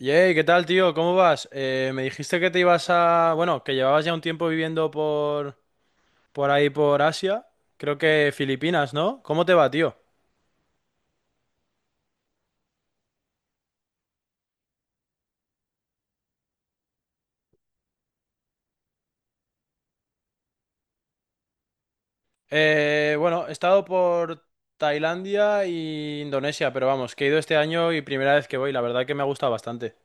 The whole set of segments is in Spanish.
Yey, ¿qué tal, tío? ¿Cómo vas? Me dijiste que te ibas a, bueno, que llevabas ya un tiempo viviendo por ahí, por Asia. Creo que Filipinas, ¿no? ¿Cómo te va, tío? Bueno, he estado por Tailandia e Indonesia, pero vamos, que he ido este año y primera vez que voy. La verdad que me ha gustado bastante.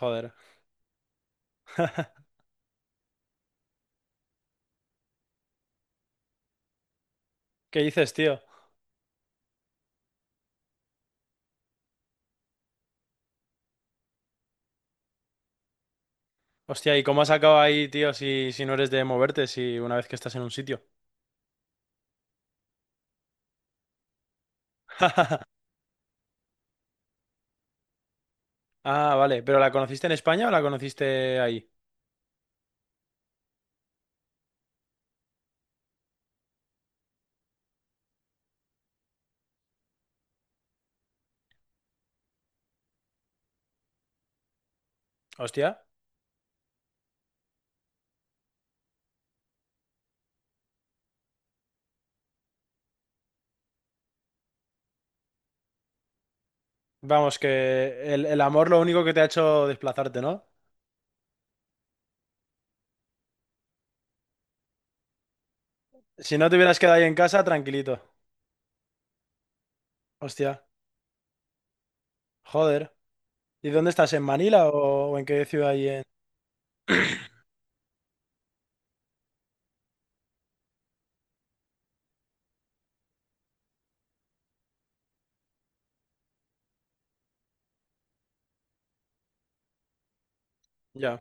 Joder. ¿Qué dices, tío? Hostia, ¿y cómo has acabado ahí, tío, si no eres de moverte, si una vez que estás en un sitio? Ah, vale. ¿Pero la conociste en España o la conociste ahí? Hostia. Vamos, que el amor lo único que te ha hecho desplazarte, ¿no? Si no te hubieras quedado ahí en casa, tranquilito. Hostia, joder. ¿Y dónde estás? ¿En Manila o, en? Qué ciudad ahí? En...? Ya.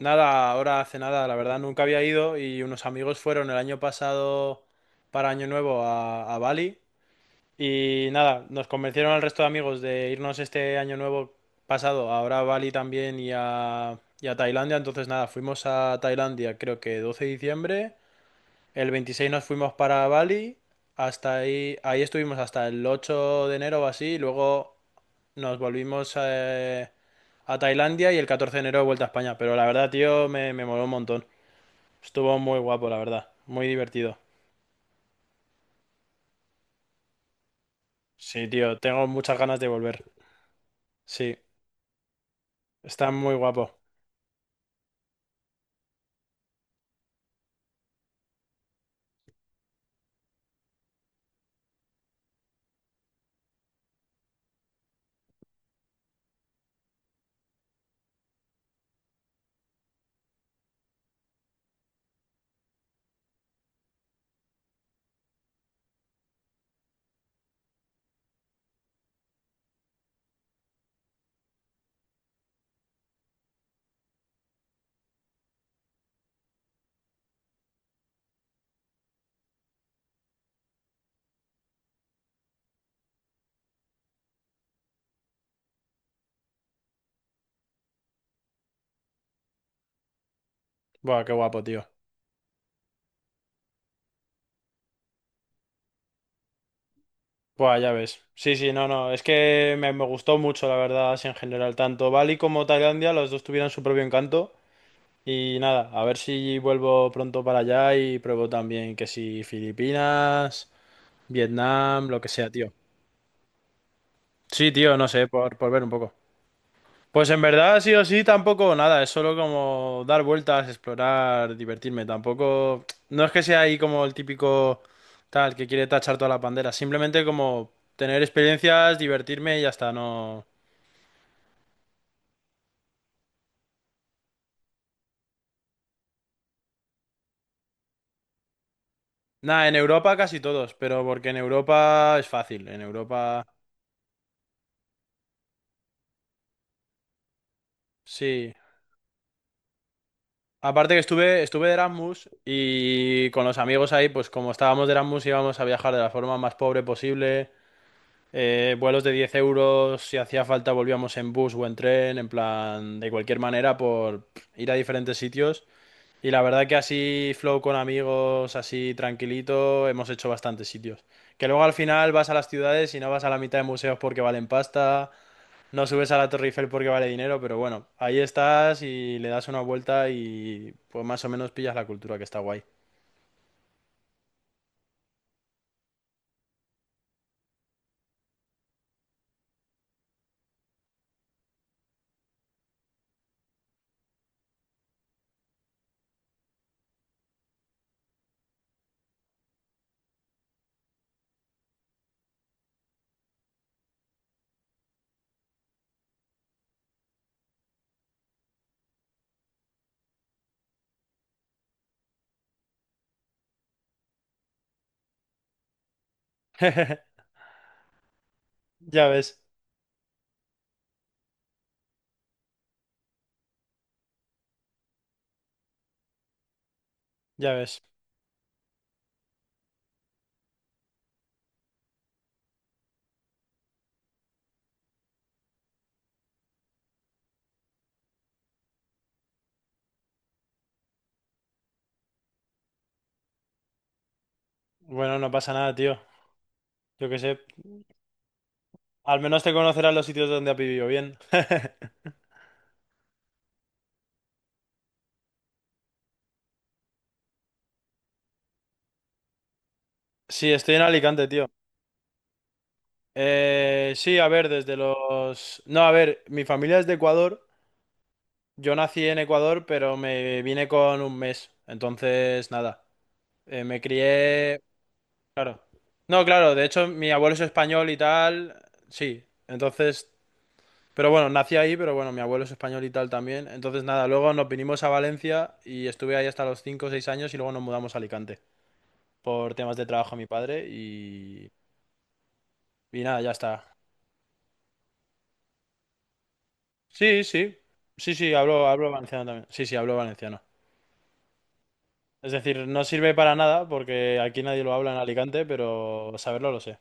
Nada, ahora hace nada, la verdad, nunca había ido y unos amigos fueron el año pasado para Año Nuevo a Bali y nada, nos convencieron al resto de amigos de irnos este Año Nuevo pasado, ahora a Bali también y a Tailandia, entonces nada, fuimos a Tailandia creo que 12 de diciembre. El 26 nos fuimos para Bali, hasta ahí estuvimos hasta el 8 de enero o así, y luego nos volvimos a Tailandia y el 14 de enero vuelta a España. Pero la verdad, tío, me moló un montón. Estuvo muy guapo, la verdad. Muy divertido. Sí, tío, tengo muchas ganas de volver. Sí, está muy guapo. Buah, qué guapo, tío. Buah, ya ves. Sí, sí, no, no. Es que me gustó mucho, la verdad, así en general. Tanto Bali como Tailandia, los dos tuvieron su propio encanto. Y nada, a ver si vuelvo pronto para allá y pruebo también que si Filipinas, Vietnam, lo que sea, tío. Sí, tío, no sé, por ver un poco. Pues en verdad, sí o sí, tampoco nada, es solo como dar vueltas, explorar, divertirme. Tampoco, no es que sea ahí como el típico tal que quiere tachar toda la bandera, simplemente como tener experiencias, divertirme y ya está, no. Nada, en Europa casi todos, pero porque en Europa es fácil, en Europa sí. Aparte que estuve de Erasmus y con los amigos ahí, pues como estábamos de Erasmus íbamos a viajar de la forma más pobre posible, vuelos de 10 euros, si hacía falta volvíamos en bus o en tren, en plan, de cualquier manera por ir a diferentes sitios. Y la verdad que así flow con amigos, así tranquilito, hemos hecho bastantes sitios. Que luego al final vas a las ciudades y no vas a la mitad de museos porque valen pasta, no subes a la Torre Eiffel porque vale dinero, pero bueno, ahí estás y le das una vuelta y pues más o menos pillas la cultura que está guay. Ya ves, ya ves. Bueno, no pasa nada, tío. Yo qué sé. Al menos te conocerás los sitios donde has vivido bien. Sí, estoy en Alicante, tío. Sí, a ver, desde no, a ver, mi familia es de Ecuador. Yo nací en Ecuador, pero me vine con un mes. Entonces, nada. Me crié. Claro. No, claro, de hecho mi abuelo es español y tal, sí, entonces, pero bueno, nací ahí, pero bueno, mi abuelo es español y tal también, entonces nada, luego nos vinimos a Valencia y estuve ahí hasta los cinco o 6 años y luego nos mudamos a Alicante por temas de trabajo a mi padre y nada, ya está. Sí, sí, sí, sí, hablo valenciano también, sí, sí, hablo valenciano. Es decir, no sirve para nada porque aquí nadie lo habla en Alicante, pero saberlo lo sé,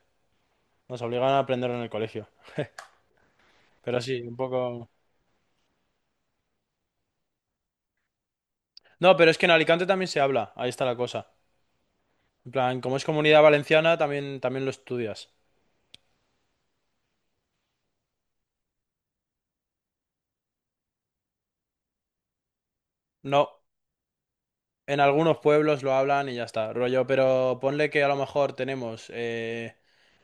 nos obligan a aprenderlo en el colegio, pero sí, un poco. No, pero es que en Alicante también se habla, ahí está la cosa. En plan, como es comunidad valenciana, también, también lo estudias. No, en algunos pueblos lo hablan y ya está, rollo, pero ponle que a lo mejor tenemos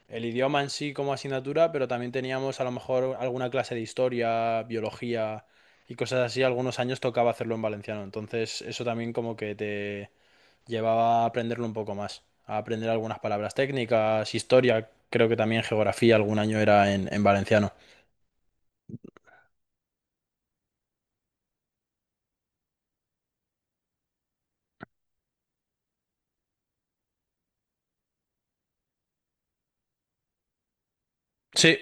el idioma en sí como asignatura, pero también teníamos a lo mejor alguna clase de historia, biología y cosas así. Algunos años tocaba hacerlo en valenciano, entonces eso también como que te llevaba a aprenderlo un poco más, a aprender algunas palabras técnicas, historia, creo que también geografía algún año era en valenciano. Sí,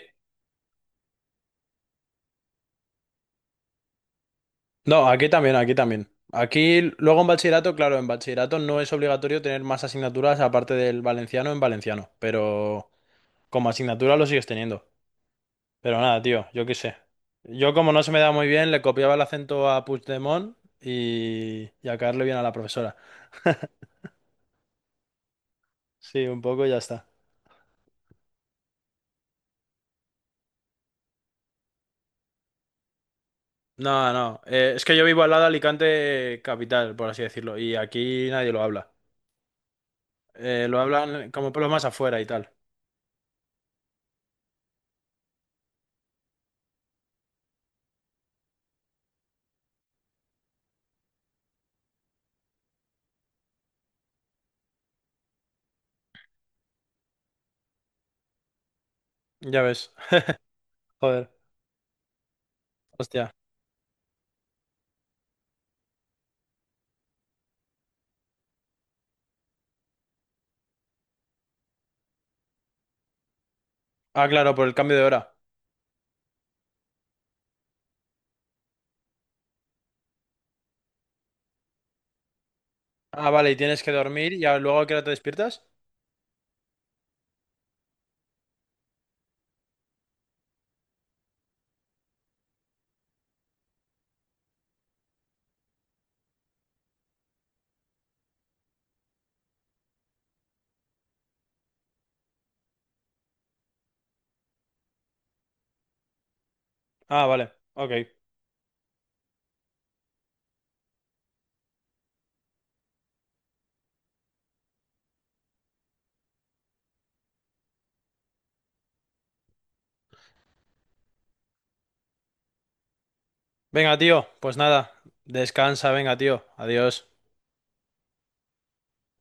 no, aquí también, aquí también. Aquí, luego en bachillerato, claro, en bachillerato no es obligatorio tener más asignaturas aparte del valenciano en valenciano, pero como asignatura lo sigues teniendo. Pero nada, tío, yo qué sé. Yo como no se me da muy bien, le copiaba el acento a Puigdemont y a caerle bien a la profesora. Sí, un poco y ya está. No, no, es que yo vivo al lado de Alicante capital, por así decirlo, y aquí nadie lo habla. Lo hablan como pueblos más afuera y tal. Ya ves. Joder, hostia. Ah, claro, por el cambio de hora. Ah, vale, y tienes que dormir y ¿luego a qué hora te despiertas? Ah, vale, ok. Venga, tío, pues nada, descansa, venga, tío, adiós.